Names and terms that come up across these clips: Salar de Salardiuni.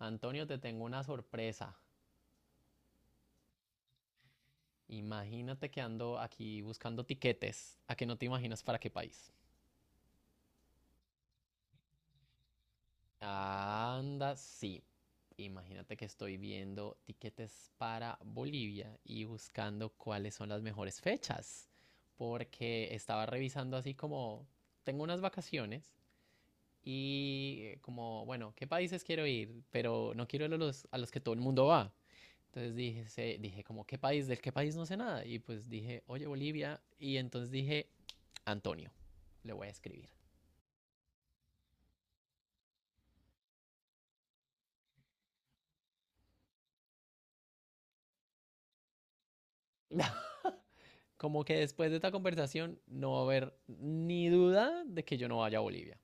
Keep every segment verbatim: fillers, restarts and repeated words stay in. Antonio, te tengo una sorpresa. Imagínate que ando aquí buscando tiquetes. ¿A que no te imaginas para qué país? Anda, sí. Imagínate que estoy viendo tiquetes para Bolivia y buscando cuáles son las mejores fechas. Porque estaba revisando así como, tengo unas vacaciones y eh, como, bueno, ¿qué países quiero ir? Pero no quiero ir a los, a los que todo el mundo va. Entonces dije, se- dije como, ¿qué país? ¿Del qué país no sé nada? Y pues dije, oye, Bolivia. Y entonces dije, Antonio, le voy a escribir. Como que después de esta conversación no va a haber ni duda de que yo no vaya a Bolivia.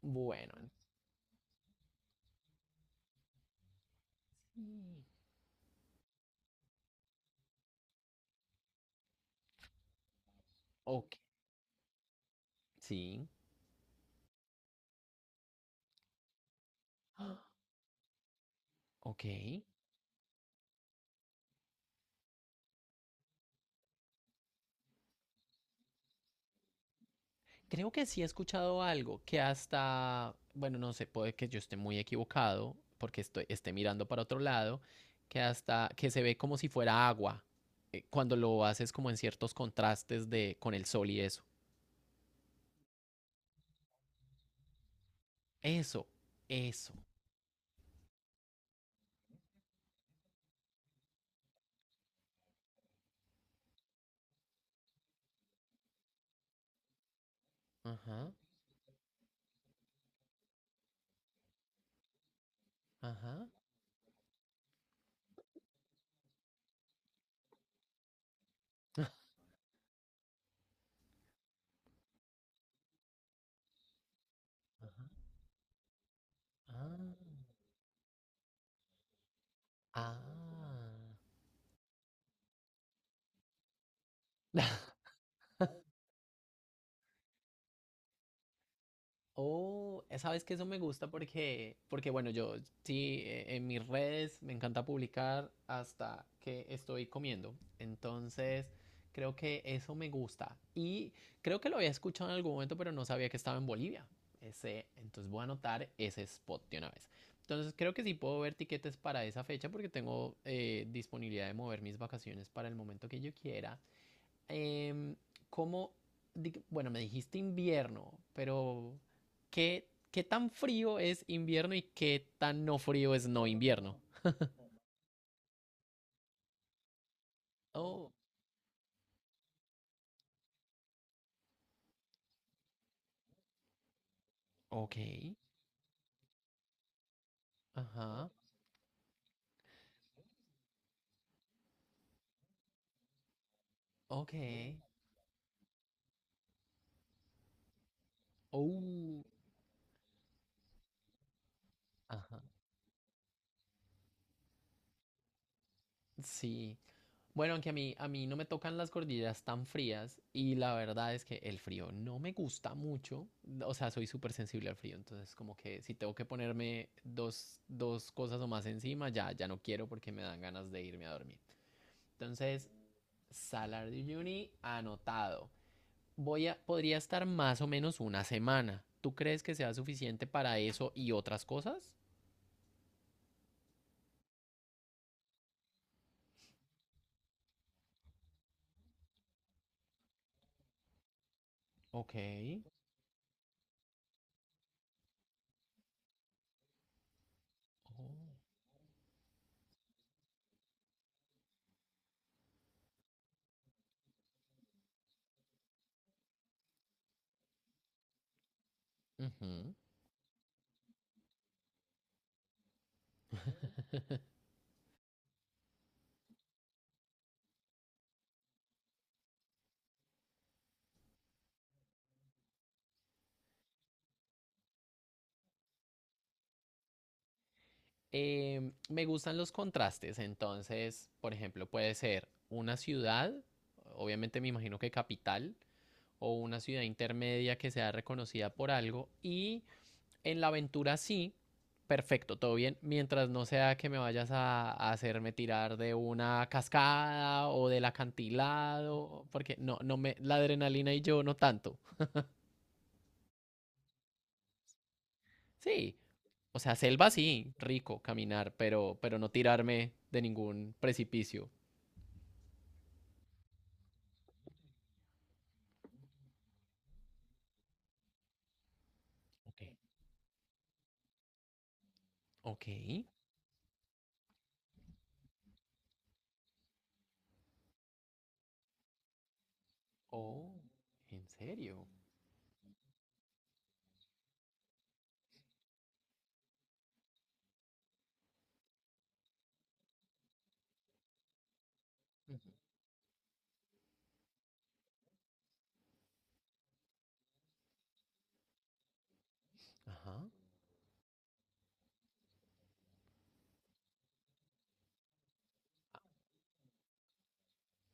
Bueno, sí. Ok. Sí. Ok. Creo que sí he escuchado algo que hasta, bueno, no sé, puede que yo esté muy equivocado porque estoy, esté mirando para otro lado, que hasta que se ve como si fuera agua eh, cuando lo haces como en ciertos contrastes de con el sol y eso. Eso, eso. Ajá, ajá, ajá. Ah, ah. Oh, sabes que eso me gusta porque, porque bueno, yo sí, eh, en mis redes me encanta publicar hasta que estoy comiendo. Entonces, creo que eso me gusta. Y creo que lo había escuchado en algún momento, pero no sabía que estaba en Bolivia. Ese, entonces voy a anotar ese spot de una vez. Entonces, creo que sí puedo ver tiquetes para esa fecha porque tengo eh, disponibilidad de mover mis vacaciones para el momento que yo quiera. em, ¿cómo, bueno, me dijiste invierno, pero ¿qué, qué tan frío es invierno y qué tan no frío es no invierno? Oh, ok, ajá, ok, oh, ajá, sí. Bueno, aunque a mí, a mí no me tocan las cordilleras tan frías y la verdad es que el frío no me gusta mucho, o sea, soy súper sensible al frío, entonces como que si tengo que ponerme dos, dos cosas o más encima, ya, ya no quiero porque me dan ganas de irme a dormir. Entonces, Salar de Salardiuni anotado. Voy a, podría estar más o menos una semana. ¿Tú crees que sea suficiente para eso y otras cosas? Ok. Oh. Ujú. Eh, me gustan los contrastes, entonces, por ejemplo, puede ser una ciudad, obviamente me imagino que capital, o una ciudad intermedia que sea reconocida por algo. Y en la aventura sí, perfecto, todo bien, mientras no sea que me vayas a, a hacerme tirar de una cascada o del acantilado, porque no, no me, la adrenalina y yo no tanto. Sí, o sea, selva sí, rico caminar, pero, pero no tirarme de ningún precipicio. Ok. Ok. Oh, ¿en serio? Ujú. Ajá.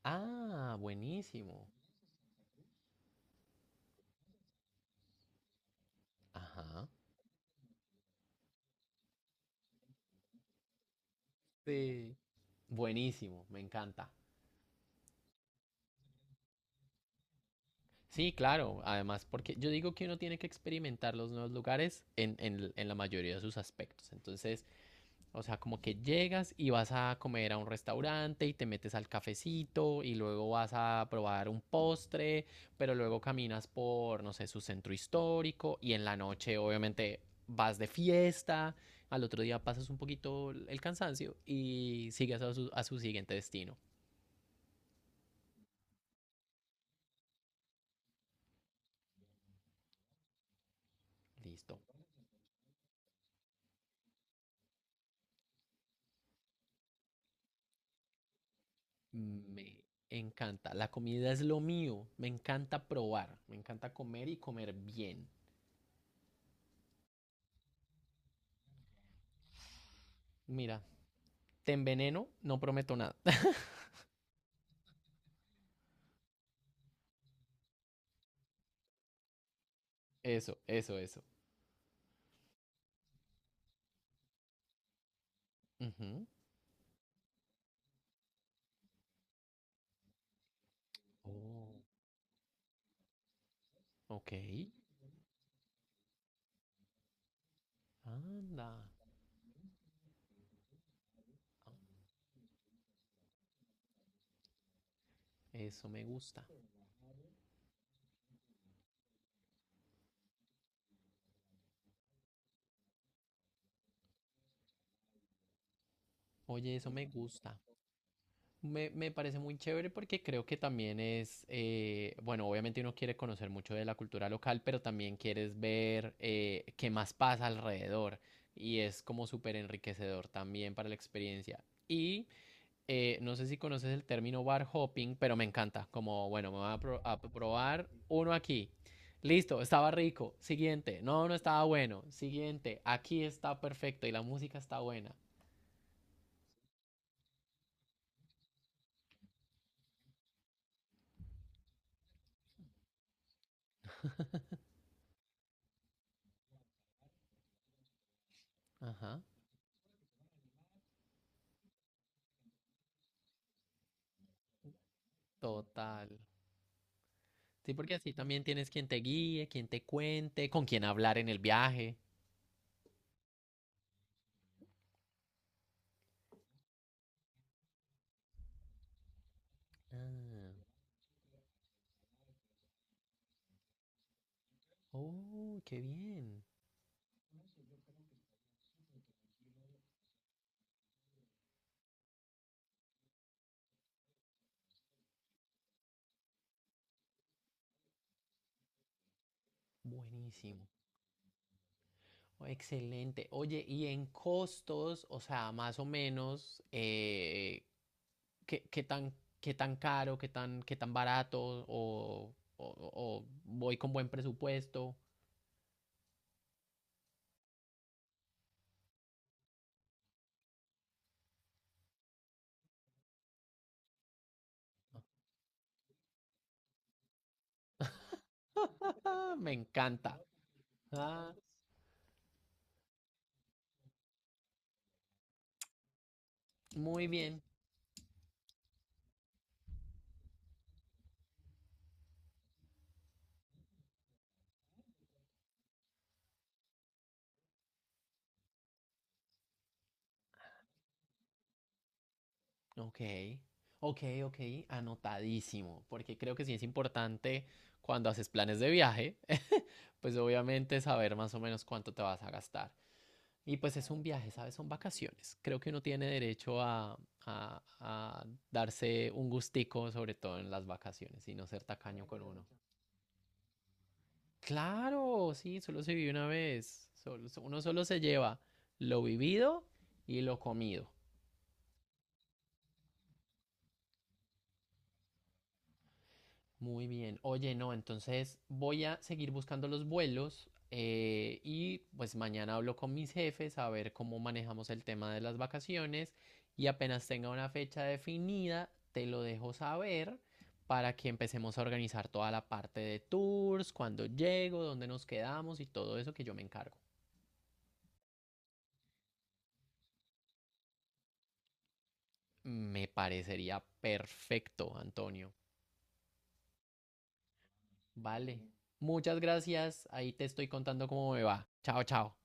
Ah, buenísimo. Ajá. Sí. Buenísimo, me encanta. Sí, claro. Además, porque yo digo que uno tiene que experimentar los nuevos lugares en, en- en la mayoría de sus aspectos. Entonces, o sea, como que llegas y vas a comer a un restaurante y te metes al cafecito y luego vas a probar un postre, pero luego caminas por, no sé, su centro histórico y en la noche, obviamente, vas de fiesta. Al otro día pasas un poquito el cansancio y sigues a su, a su siguiente destino. Listo. Me encanta. La comida es lo mío. Me encanta probar. Me encanta comer y comer bien. Mira, te enveneno, no prometo nada. Eso, eso, eso. Ujú. Oh, ok. Anda. Eso me gusta. Oye, eso me gusta. Me, me parece muy chévere porque creo que también es, eh, bueno, obviamente uno quiere conocer mucho de la cultura local, pero también quieres ver eh, qué más pasa alrededor y es como súper enriquecedor también para la experiencia. Y eh, no sé si conoces el término bar hopping, pero me encanta, como, bueno, me voy a, pro- a probar uno aquí. Listo, estaba rico. Siguiente, no, no estaba bueno. Siguiente, aquí está perfecto y la música está buena. Ajá, total. Sí, porque así también tienes quien te guíe, quien te cuente, con quien hablar en el viaje. Ah, oh, qué bien. Buenísimo. Oh, excelente. Oye, y en costos, o sea, más o menos, eh, ¿qué, qué tan, qué tan caro, qué tan, qué tan barato, o, o- o voy con buen presupuesto? Ah, me encanta. Ah, muy bien. Ok, ok, ok, anotadísimo, porque creo que sí es importante cuando haces planes de viaje, pues obviamente saber más o menos cuánto te vas a gastar. Y pues es un viaje, ¿sabes? Son vacaciones. Creo que uno tiene derecho a, a- a darse un gustico, sobre todo en las vacaciones, y no ser tacaño con uno. Claro, sí, solo se vive una vez, solo- uno solo se lleva lo vivido y lo comido. Muy bien. Oye, no, entonces voy a seguir buscando los vuelos eh, y pues mañana hablo con mis jefes a ver cómo manejamos el tema de las vacaciones y apenas tenga una fecha definida, te lo dejo saber para que empecemos a organizar toda la parte de tours, cuándo llego, dónde nos quedamos y todo eso que yo me encargo. Me parecería perfecto, Antonio. Vale. Muchas gracias. Ahí te estoy contando cómo me va. Chao, chao.